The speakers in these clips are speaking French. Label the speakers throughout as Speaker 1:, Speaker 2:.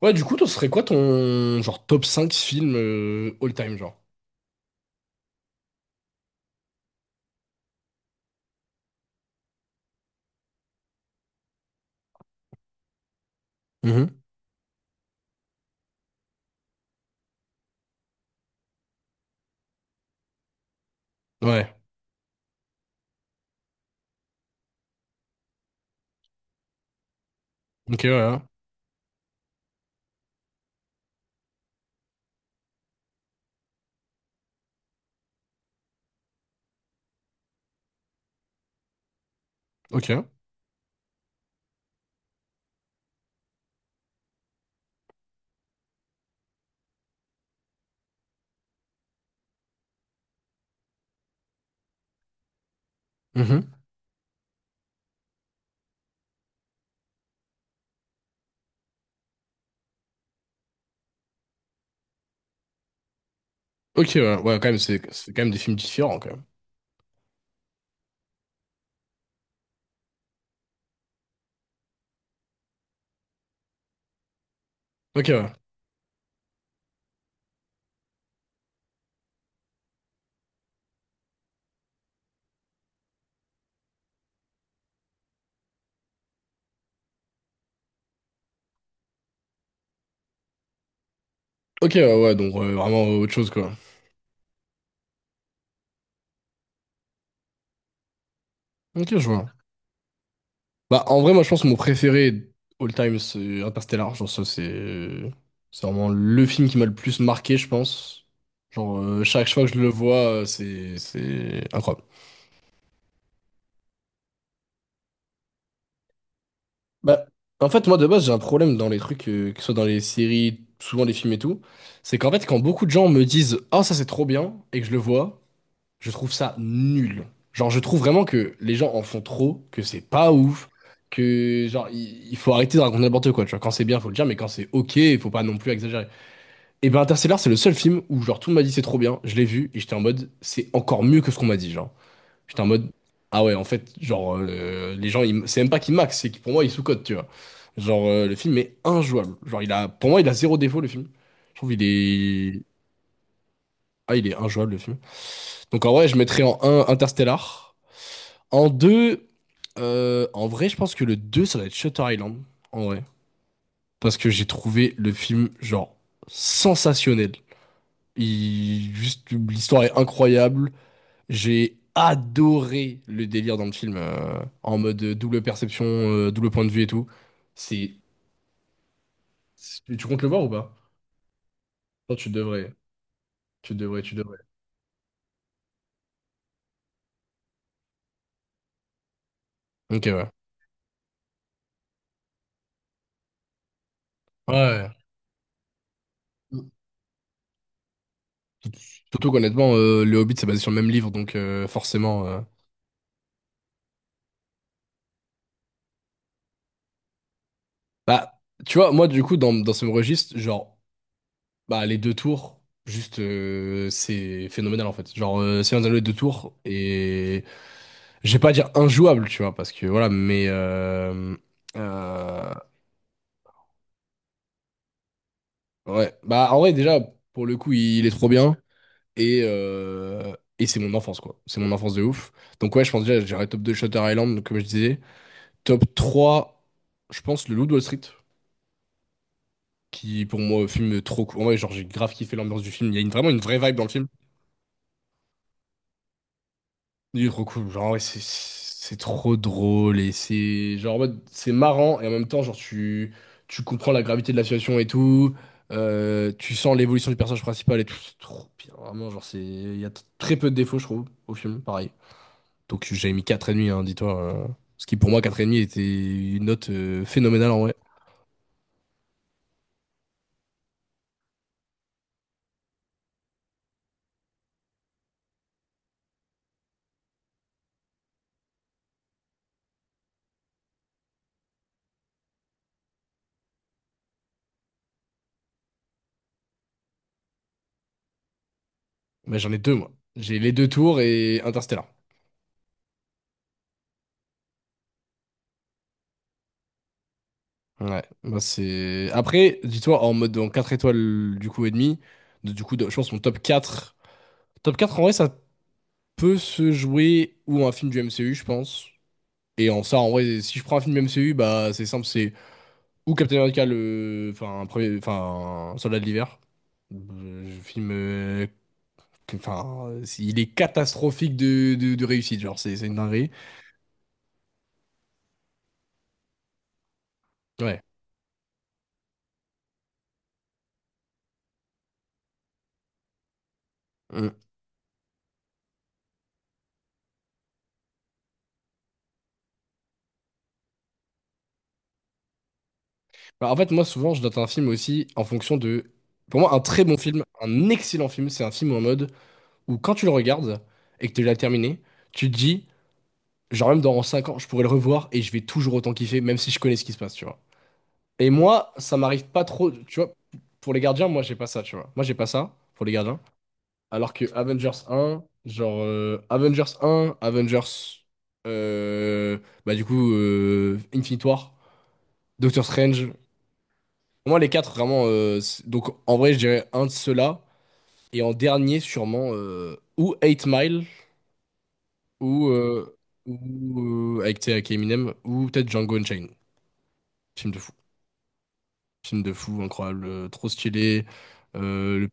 Speaker 1: Ouais, du coup, toi, ce serait quoi ton genre top 5 films all time, genre? Mhm. Ouais. Ok, ouais. Hein. Ok. Mhm. Ok, ouais. Ouais, quand même, c'est quand même des films différents, quand même. Ok, ouais. Ok, ouais, ouais, donc ouais, vraiment autre chose, quoi. Ok, je vois. Bah, en vrai, moi, je pense que mon préféré all time, c'est Interstellar. Genre, ça, c'est. C'est vraiment le film qui m'a le plus marqué, je pense. Genre, chaque fois que je le vois, c'est incroyable. Bah, en fait, moi, de base, j'ai un problème dans les trucs, que ce soit dans les séries, souvent les films et tout. C'est qu'en fait, quand beaucoup de gens me disent «Ah, ça, c'est trop bien» et que je le vois, je trouve ça nul. Genre, je trouve vraiment que les gens en font trop, que c'est pas ouf, que, genre, il faut arrêter de raconter n'importe quoi, tu vois. Quand c'est bien, faut le dire, mais quand c'est ok, faut pas non plus exagérer. Et ben, Interstellar, c'est le seul film où, genre, tout le monde m'a dit «C'est trop bien», je l'ai vu, et j'étais en mode «C'est encore mieux que ce qu'on m'a dit», genre. J'étais en mode, ah ouais, en fait, genre, les gens, c'est même pas qu'ils max, c'est que pour moi, ils sous-cotent, tu vois. Genre, le film est injouable. Genre, il a, pour moi, il a zéro défaut, le film. Je trouve il est. Ah, il est injouable, le film. Donc, en vrai, je mettrais en un Interstellar. En deux en vrai, je pense que le 2 ça va être Shutter Island, en vrai. Parce que j'ai trouvé le film, genre, sensationnel. Juste, l'histoire est incroyable. J'ai adoré le délire dans le film, en mode double perception, double point de vue et tout. C'est... Tu comptes le voir ou pas? Non, tu devrais, tu devrais, tu devrais. Ok, ouais. Ouais. Surtout qu'honnêtement, Le Hobbit, c'est basé sur le même livre, donc forcément. Bah, tu vois, moi, du coup, dans ce même registre, genre, bah, les deux tours, juste, c'est phénoménal, en fait. Genre, Seigneur des Anneaux, les deux tours, et. Je vais pas dire injouable, tu vois, parce que, voilà, maiseuh, Ouais, bah en vrai déjà pour le coup il est trop bien et c'est mon enfance quoi. C'est mon enfance de ouf. Donc ouais, je pense déjà j'irai top 2 Shutter Island comme je disais, top 3 je pense Le Loup de Wall Street qui pour moi film trop cool. En vrai, genre j'ai grave kiffé l'ambiance du film, il y a vraiment une vraie vibe dans le film. Du Roku, genre, ouais, c'est trop drôle et c'est genre, en mode, c'est marrant et en même temps, genre, tu comprends la gravité de la situation et tout. Tu sens l'évolution du personnage principal et tout. C'est trop bien, vraiment, genre, il y a très peu de défauts, je trouve, au film, pareil. Donc, j'avais mis 4,5, hein, dis-toi. Ce qui, pour moi, quatre et demi était une note phénoménale en vrai. Mais j'en ai deux, moi. J'ai les deux tours et Interstellar. Ouais, moi, c'est. Après, dis-toi, en mode, en 4 étoiles, du coup, et demi, je pense que mon top 4. Top 4, en vrai, ça peut se jouer ou un film du MCU, je pense. Et en ça, en vrai, si je prends un film du MCU, bah c'est simple, c'est ou Captain America, enfin, enfin, un Soldat de l'hiver. Film. Enfin, il est catastrophique de réussite, genre, c'est une dinguerie. Ouais. Mm. Bah, en fait, moi, souvent, je note un film aussi en fonction de. Pour moi, un très bon film, un excellent film, c'est un film en mode où quand tu le regardes et que tu l'as terminé, tu te dis. Genre même dans 5 ans, je pourrais le revoir et je vais toujours autant kiffer, même si je connais ce qui se passe, tu vois. Et moi, ça m'arrive pas trop, tu vois, pour les gardiens, moi j'ai pas ça, tu vois. Moi j'ai pas ça pour les gardiens. Alors que Avengers un genre Avengers un Avengers, euh, bah du coup, Infinite War, Doctor Strange. Moi les quatre vraiment, donc en vrai je dirais un de ceux-là. Et en dernier sûrement, ou Eight Mile, ou, euh, ou avec, tu sais, avec Eminem, ou peut-être Django Unchained, film de fou. Film de fou, incroyable, trop stylé. Euh,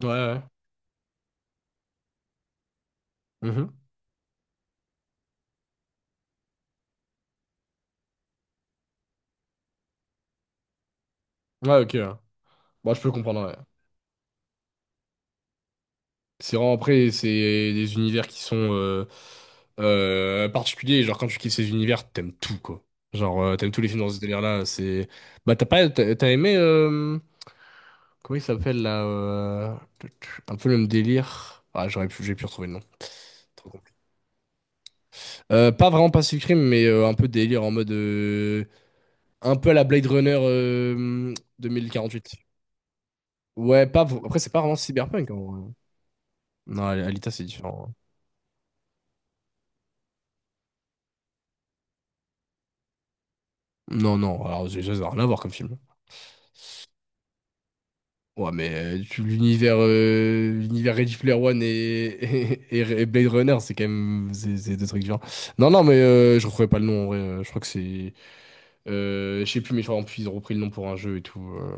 Speaker 1: Ouais, ouais. Mhm. Ouais, ok. Ouais. Bon, je peux comprendre, ouais. C'est vraiment après, c'est des univers qui sont particuliers. Genre, quand tu kiffes ces univers, t'aimes tout, quoi. Genre, t'aimes tous les films dans ce délire-là. C'est. Bah, t'as pas. T'as aimé. Comment il s'appelle, là Un peu le même délire. Ah, j'aurais pu, j'ai pu retrouver le nom. Trop compliqué. Pas vraiment Pacific Rim, mais un peu délire en mode. Un peu à la Blade Runner 2048. Ouais, pas, après, c'est pas vraiment cyberpunk, en vrai. Non, Alita, c'est différent. Non, non, alors déjà, ça n'a rien à voir comme film. Ouais, mais l'univers Ready Player One et, et Blade Runner, c'est quand même c'est deux trucs différents. Non, non, mais je retrouvais pas le nom, en vrai. Je crois que je sais plus, mais je crois en plus, ils ont repris le nom pour un jeu et tout.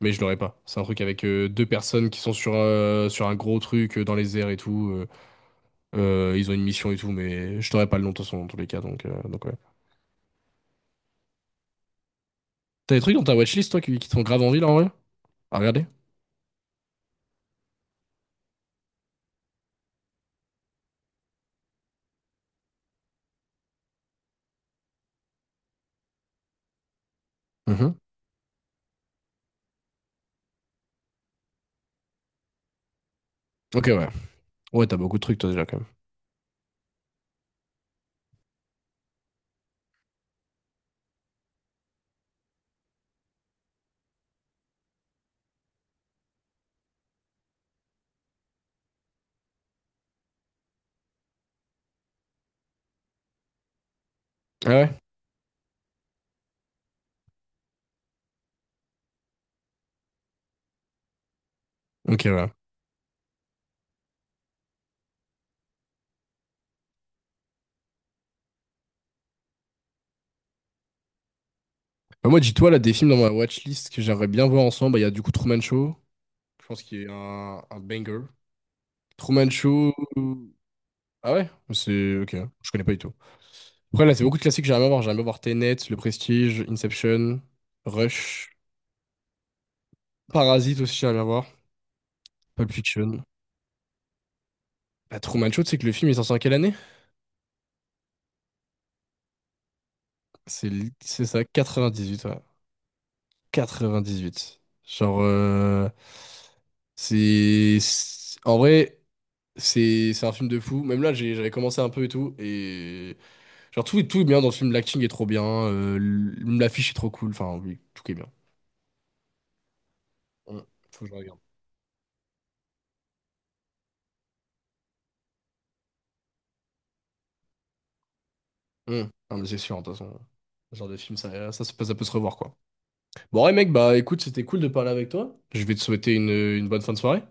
Speaker 1: Mais je l'aurais pas. C'est un truc avec deux personnes qui sont sur un gros truc dans les airs et tout. Ils ont une mission et tout, mais je t'aurais pas le nom de toute façon, dans tous les cas, donc ouais. T'as des trucs dans ta watchlist, toi, qui te font grave envie, là, en vrai? À regarder? Mhm. Ok, ouais. Ouais, t'as beaucoup de trucs, toi, déjà, quand même. Ah ouais? Ok, ouais. Bah, moi, dis-toi, là, des films dans ma watchlist que j'aimerais bien voir ensemble, bah, il y a du coup Truman Show. Je pense qu'il y a un banger. Truman Show. Ah ouais? C'est. Ok, je connais pas du tout. Après, là, c'est beaucoup de classiques que j'aimerais bien voir. J'aimerais bien voir Tenet, Le Prestige, Inception, Rush, Parasite aussi, j'aimerais bien voir. Pulp Fiction. Bah, Truman Show, tu sais que le film, il est sorti en quelle année? C'est ça, 98, ouais. 98. Genre, En vrai, c'est un film de fou. Même là, j'avais commencé un peu et tout. Et genre, tout est bien dans ce film. L'acting est trop bien. L'affiche est trop cool. Enfin, oui, tout est bien. Mm. Faut que je regarde. Mm. Non, mais c'est sûr, de toute façon. Ce genre de film, ça, se peut ça peut se revoir, quoi. Bon, ouais, mec, bah écoute, c'était cool de parler avec toi. Je vais te souhaiter une bonne fin de soirée.